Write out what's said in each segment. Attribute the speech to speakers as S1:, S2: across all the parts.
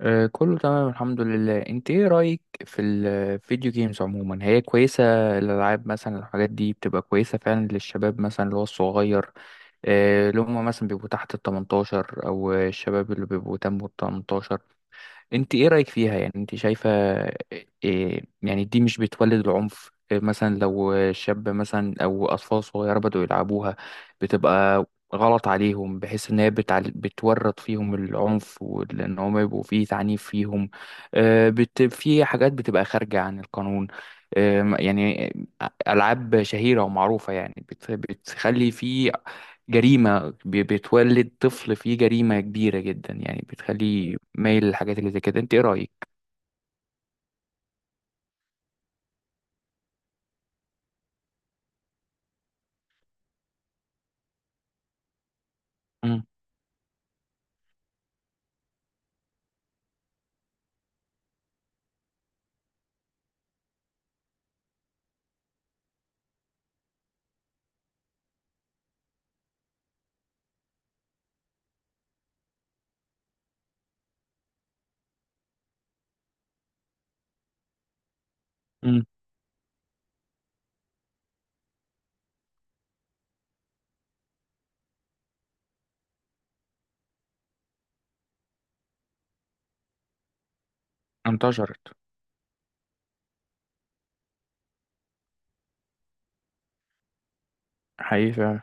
S1: كله تمام الحمد لله. انت ايه رأيك في الفيديو جيمز عموما؟ هي كويسة الألعاب مثلا؟ الحاجات دي بتبقى كويسة فعلا للشباب مثلا اللي هو الصغير؟ اللي هم مثلا بيبقوا تحت ال 18 او الشباب اللي بيبقوا تم ال 18، انت ايه رأيك فيها؟ يعني انت شايفة إيه؟ يعني دي مش بتولد العنف؟ إيه مثلا لو شاب مثلا او اطفال صغيرة بدأوا يلعبوها بتبقى غلط عليهم، بحيث ان هي بتورط فيهم العنف، وان هم يبقوا فيه تعنيف فيهم. في حاجات بتبقى خارجة عن القانون. يعني ألعاب شهيرة ومعروفة، يعني بتخلي فيه جريمة، بتولد طفل فيه جريمة كبيرة جدا، يعني بتخليه مايل للحاجات اللي زي كده. انت ايه رأيك؟ مم. مم. انتشرت حقيقة.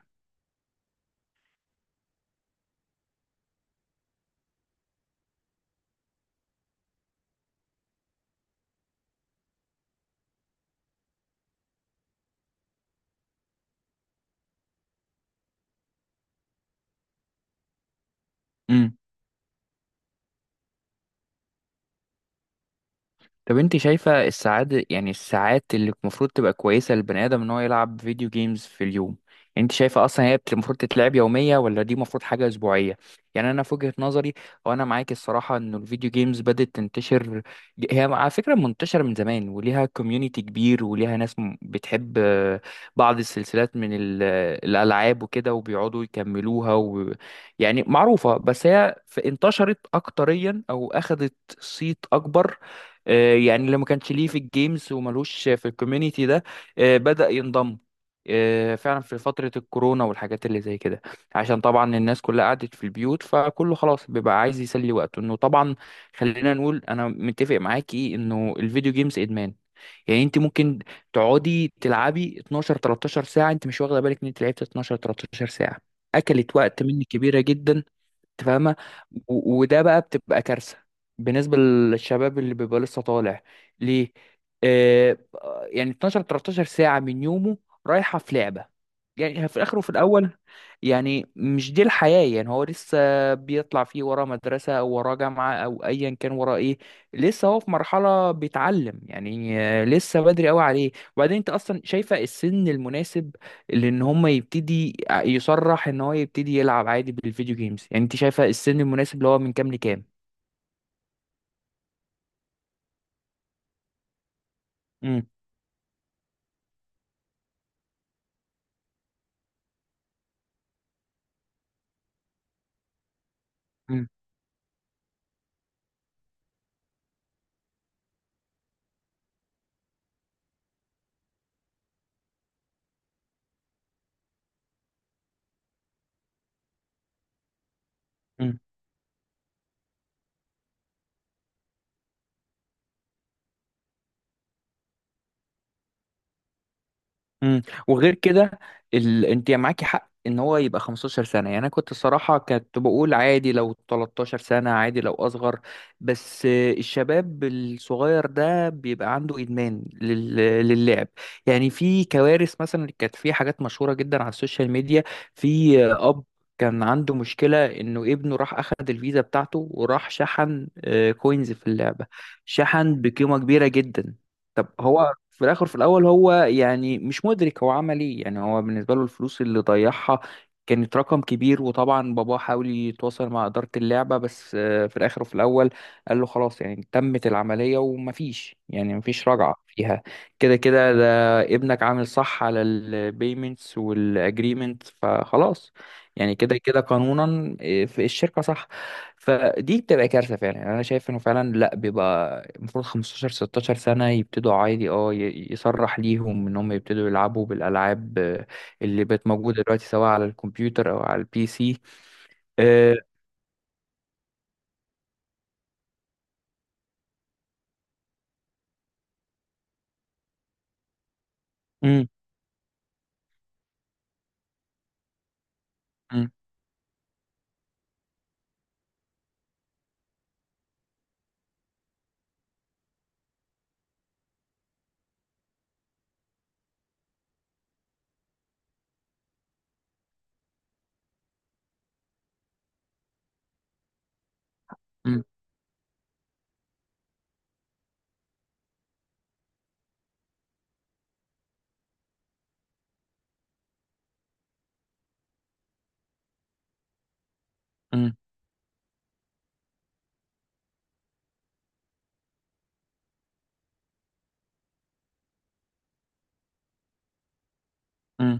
S1: طب انت شايفة السعادة، يعني الساعات اللي المفروض تبقى كويسة للبني آدم ان هو يلعب فيديو جيمز في اليوم؟ يعني انت شايفة اصلا هي المفروض تتلعب يومية، ولا دي المفروض حاجة اسبوعية؟ يعني انا في وجهة نظري، وانا معاك الصراحة، ان الفيديو جيمز بدأت تنتشر. هي على فكرة منتشرة من زمان وليها كوميونيتي كبير، وليها ناس بتحب بعض السلسلات من الالعاب وكده، وبيقعدوا يكملوها و... يعني معروفة. بس هي انتشرت اكتريا او اخذت صيت اكبر. يعني اللي ما كانش ليه في الجيمز وملوش في الكوميونيتي ده، بدأ ينضم فعلا في فترة الكورونا والحاجات اللي زي كده، عشان طبعا الناس كلها قعدت في البيوت، فكله خلاص بيبقى عايز يسلي وقته. انه طبعا خلينا نقول انا متفق معاكي انه الفيديو جيمز ادمان. يعني انت ممكن تقعدي تلعبي 12 13 ساعة، انت مش واخدة بالك ان انت لعبت 12 13 ساعة، اكلت وقت منك كبيرة جدا. انت فاهمه؟ وده بقى بتبقى كارثه بالنسبه للشباب اللي بيبقى لسه طالع ليه. آه، يعني 12 13 ساعه من يومه رايحه في لعبه، يعني في الاخر وفي الاول، يعني مش دي الحياه. يعني هو لسه بيطلع، فيه وراه مدرسه او وراه جامعه او ايا كان وراه ايه، لسه هو في مرحله بيتعلم. يعني لسه بدري قوي عليه. وبعدين انت اصلا شايفه السن المناسب لان هم يبتدي يصرح ان هو يبتدي يلعب عادي بالفيديو جيمز؟ يعني انت شايفه السن المناسب اللي هو من كام لكام؟ امم. امم. وغير كده انت معاكي حق ان هو يبقى 15 سنه. يعني انا كنت الصراحه كنت بقول عادي لو 13 سنه، عادي لو اصغر، بس الشباب الصغير ده بيبقى عنده ادمان للعب. يعني في كوارث مثلا، كانت في حاجات مشهوره جدا على السوشيال ميديا. في اب كان عنده مشكلة إنه ابنه راح أخد الفيزا بتاعته وراح شحن كوينز في اللعبة، شحن بقيمة كبيرة جدا. طب هو في الاخر في الاول هو يعني مش مدرك هو عمل ايه. يعني هو بالنسبه له الفلوس اللي ضيعها كانت رقم كبير، وطبعا باباه حاول يتواصل مع اداره اللعبه، بس في الاخر وفي الاول قال له خلاص، يعني تمت العمليه، ومفيش يعني مفيش رجعه فيها. كده كده ده ابنك عامل صح على البيمنتس والاجريمنت، فخلاص. يعني كده كده قانونا في الشركه صح. فدي بتبقى كارثة فعلا. يعني أنا شايف إنه فعلا لأ، بيبقى المفروض 15 16 سنة يبتدوا عادي. أه يصرح ليهم إن هم يبتدوا يلعبوا بالألعاب اللي بقت موجودة دلوقتي سواء على الكمبيوتر أو على البي سي. آه، أم، أم، أم، أم، أم،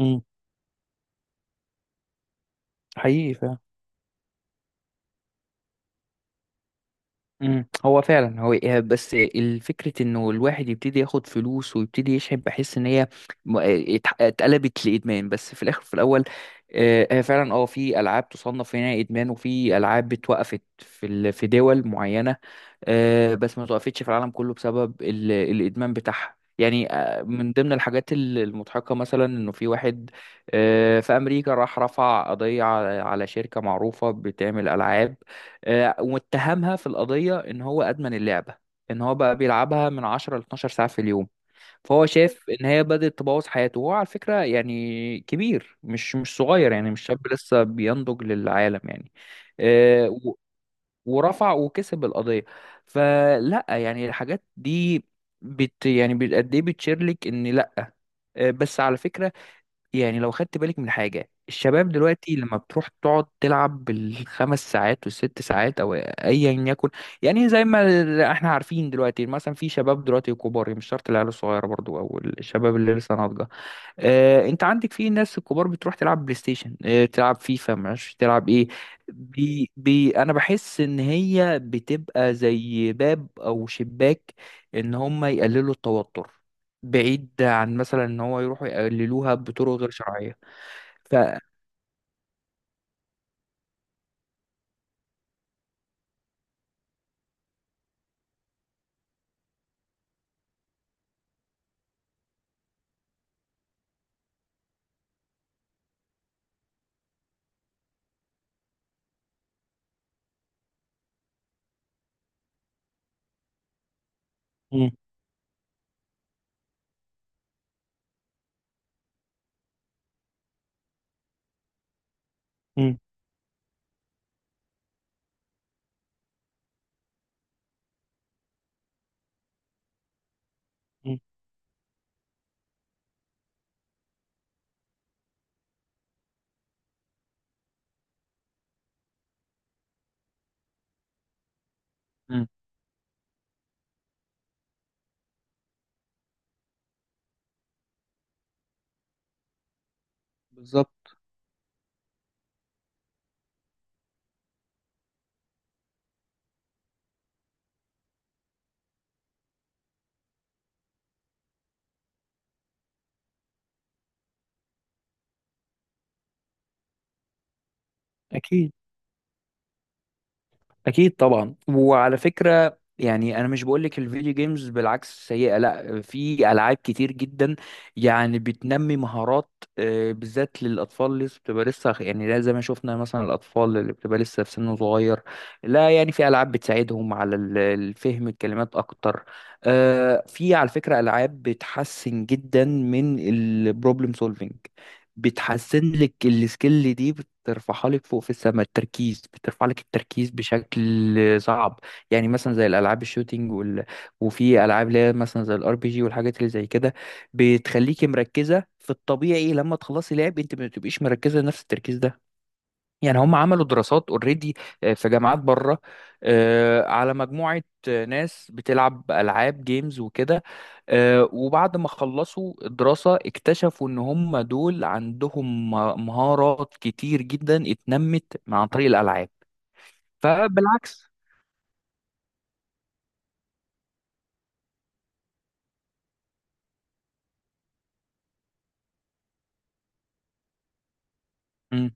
S1: أم. حقيقي فعلا. مم. هو فعلا هو إيه، بس الفكرة انه الواحد يبتدي ياخد فلوس ويبتدي يشحن، بحس ان هي م- اتقلبت لادمان. بس في الاخر في الاول، هي فعلا اه في العاب تصنف هنا ادمان، وفي العاب اتوقفت في في دول معينة. بس ما توقفتش في العالم كله بسبب الادمان بتاعها. يعني من ضمن الحاجات المضحكة، مثلا انه في واحد في امريكا راح رفع قضية على على شركة معروفة بتعمل العاب، واتهمها في القضية إن هو أدمن اللعبة، إن هو بقى بيلعبها من 10 ل 12 ساعة في اليوم. فهو شاف إن هي بدأت تبوظ حياته، وهو على فكرة يعني كبير، مش مش صغير، يعني مش شاب لسه بينضج للعالم. يعني آه، و- ورفع وكسب القضية. فلا يعني الحاجات دي قد إيه بتشير لك إن لا. بس على فكرة، يعني لو خدت بالك من حاجة، الشباب دلوقتي لما بتروح تقعد تلعب بالخمس ساعات والست ساعات أو أيا يكن، يعني زي ما احنا عارفين دلوقتي مثلا في شباب دلوقتي كبار، مش شرط العيال الصغيرة برضو أو الشباب اللي لسه ناضجة. انت عندك في ناس الكبار بتروح تلعب بلاي ستيشن، تلعب فيفا، معرفش تلعب ايه. بي انا بحس ان هي بتبقى زي باب او شباك ان هم يقللوا التوتر، بعيد عن مثلا ان هو يروحوا يقللوها بطرق غير شرعية. ف مم. مم. مم. مم. بالظبط. اكيد طبعا. وعلى فكره، يعني انا مش بقولك الفيديو جيمز بالعكس سيئه، لا، في العاب كتير جدا يعني بتنمي مهارات، بالذات للاطفال اللي لسه بتبقى لسه يعني لا، زي ما شفنا مثلا الاطفال اللي بتبقى لسه في سن صغير، لا يعني في العاب بتساعدهم على الفهم الكلمات اكتر. في على فكره العاب بتحسن جدا من البروبلم سولفينج، بتحسن لك السكيل دي، بترفعها لك فوق في السماء، التركيز بترفع لك التركيز بشكل صعب. يعني مثلا زي الالعاب الشوتينج وفي العاب اللي هي مثلا زي الار بي جي والحاجات اللي زي كده، بتخليكي مركزه. في الطبيعي لما تخلصي لعب انت ما بتبقيش مركزه نفس التركيز ده. يعني هم عملوا دراسات اوريدي في جامعات بره على مجموعة ناس بتلعب ألعاب جيمز وكده، وبعد ما خلصوا الدراسة اكتشفوا إن هم دول عندهم مهارات كتير جدا اتنمت عن طريق الألعاب. فبالعكس. مم،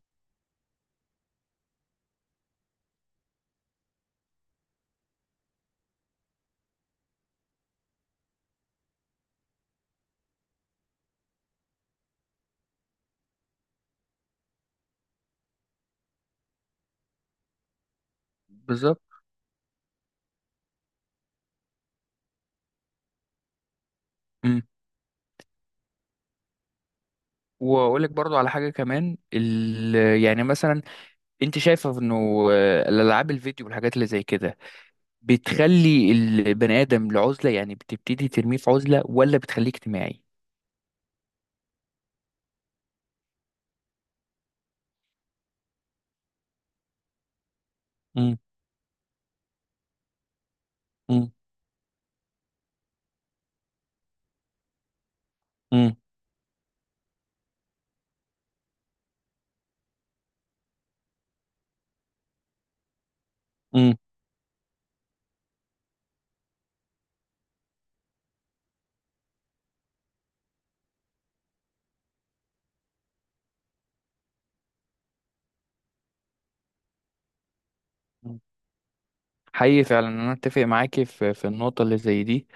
S1: بالظبط. مم. واقول لك برضو على حاجه كمان يعني مثلا انت شايفه انه الالعاب الفيديو والحاجات اللي زي كده بتخلي البني آدم لعزلة، يعني بتبتدي ترميه في عزلة، ولا بتخليه اجتماعي؟ مم. مم. مم. مم. مم. حقيقي فعلا انا اتفق معاكي في في النقطه اللي زي دي.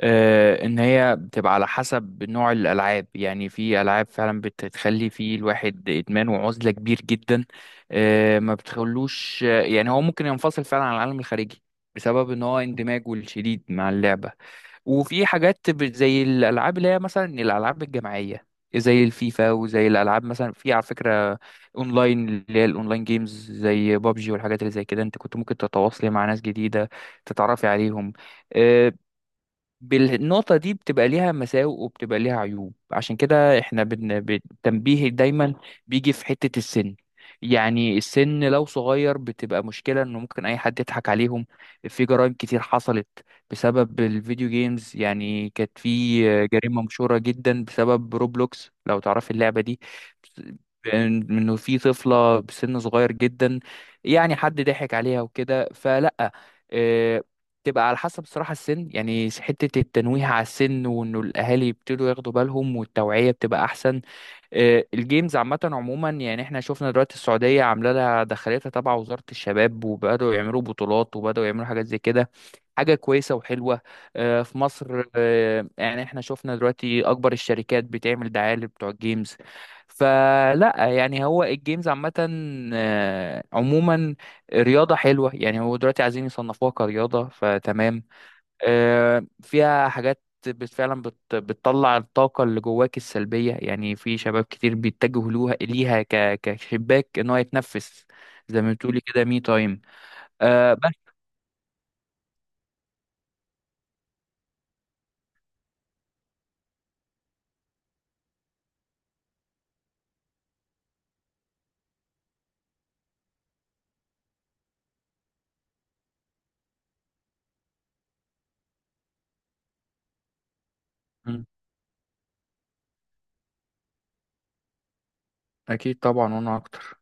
S1: آه ان هي بتبقى على حسب نوع الالعاب. يعني في العاب فعلا بتخلي في الواحد ادمان وعزله كبير جدا. آه ما بتخلوش، يعني هو ممكن ينفصل فعلا عن العالم الخارجي بسبب ان هو اندماجه الشديد مع اللعبه. وفي حاجات زي الالعاب اللي هي مثلا الالعاب الجماعيه، زي الفيفا وزي الالعاب مثلا، في على فكره اونلاين اللي هي الاونلاين جيمز زي بابجي والحاجات اللي زي كده، انت كنت ممكن تتواصلي مع ناس جديده تتعرفي عليهم. آه، بالنقطة دي بتبقى ليها مساوئ وبتبقى ليها عيوب، عشان كده احنا بالتنبيه دايما بيجي في حتة السن. يعني السن لو صغير بتبقى مشكلة، انه ممكن اي حد يضحك عليهم. في جرائم كتير حصلت بسبب الفيديو جيمز. يعني كانت في جريمة مشهورة جدا بسبب روبلوكس، لو تعرف اللعبة دي، انه في طفلة بسن صغير جدا يعني حد ضحك عليها وكده. فلا آه، تبقى على حسب صراحة السن. يعني حتة التنويه على السن وإنه الأهالي يبتدوا ياخدوا بالهم والتوعية بتبقى أحسن. الجيمز عامة عموما، يعني احنا شفنا دلوقتي السعودية عاملة لها دخلتها تبع وزارة الشباب، وبدأوا يعملوا بطولات وبدأوا يعملوا حاجات زي كده، حاجة كويسة وحلوة. في مصر، يعني احنا شفنا دلوقتي أكبر الشركات بتعمل دعاية لبتوع الجيمز. فلا يعني هو الجيمز عامة عموما رياضة حلوة، يعني هو دلوقتي عايزين يصنفوها كرياضة، فتمام. فيها حاجات فعلا بتطلع الطاقة اللي جواك السلبية. يعني في شباب كتير بيتجهوا لوها ليها كشباك ان هو يتنفس، زي ما بتقولي كده، مي تايم. أه بس. مم. اكيد طبعا وانا اكتر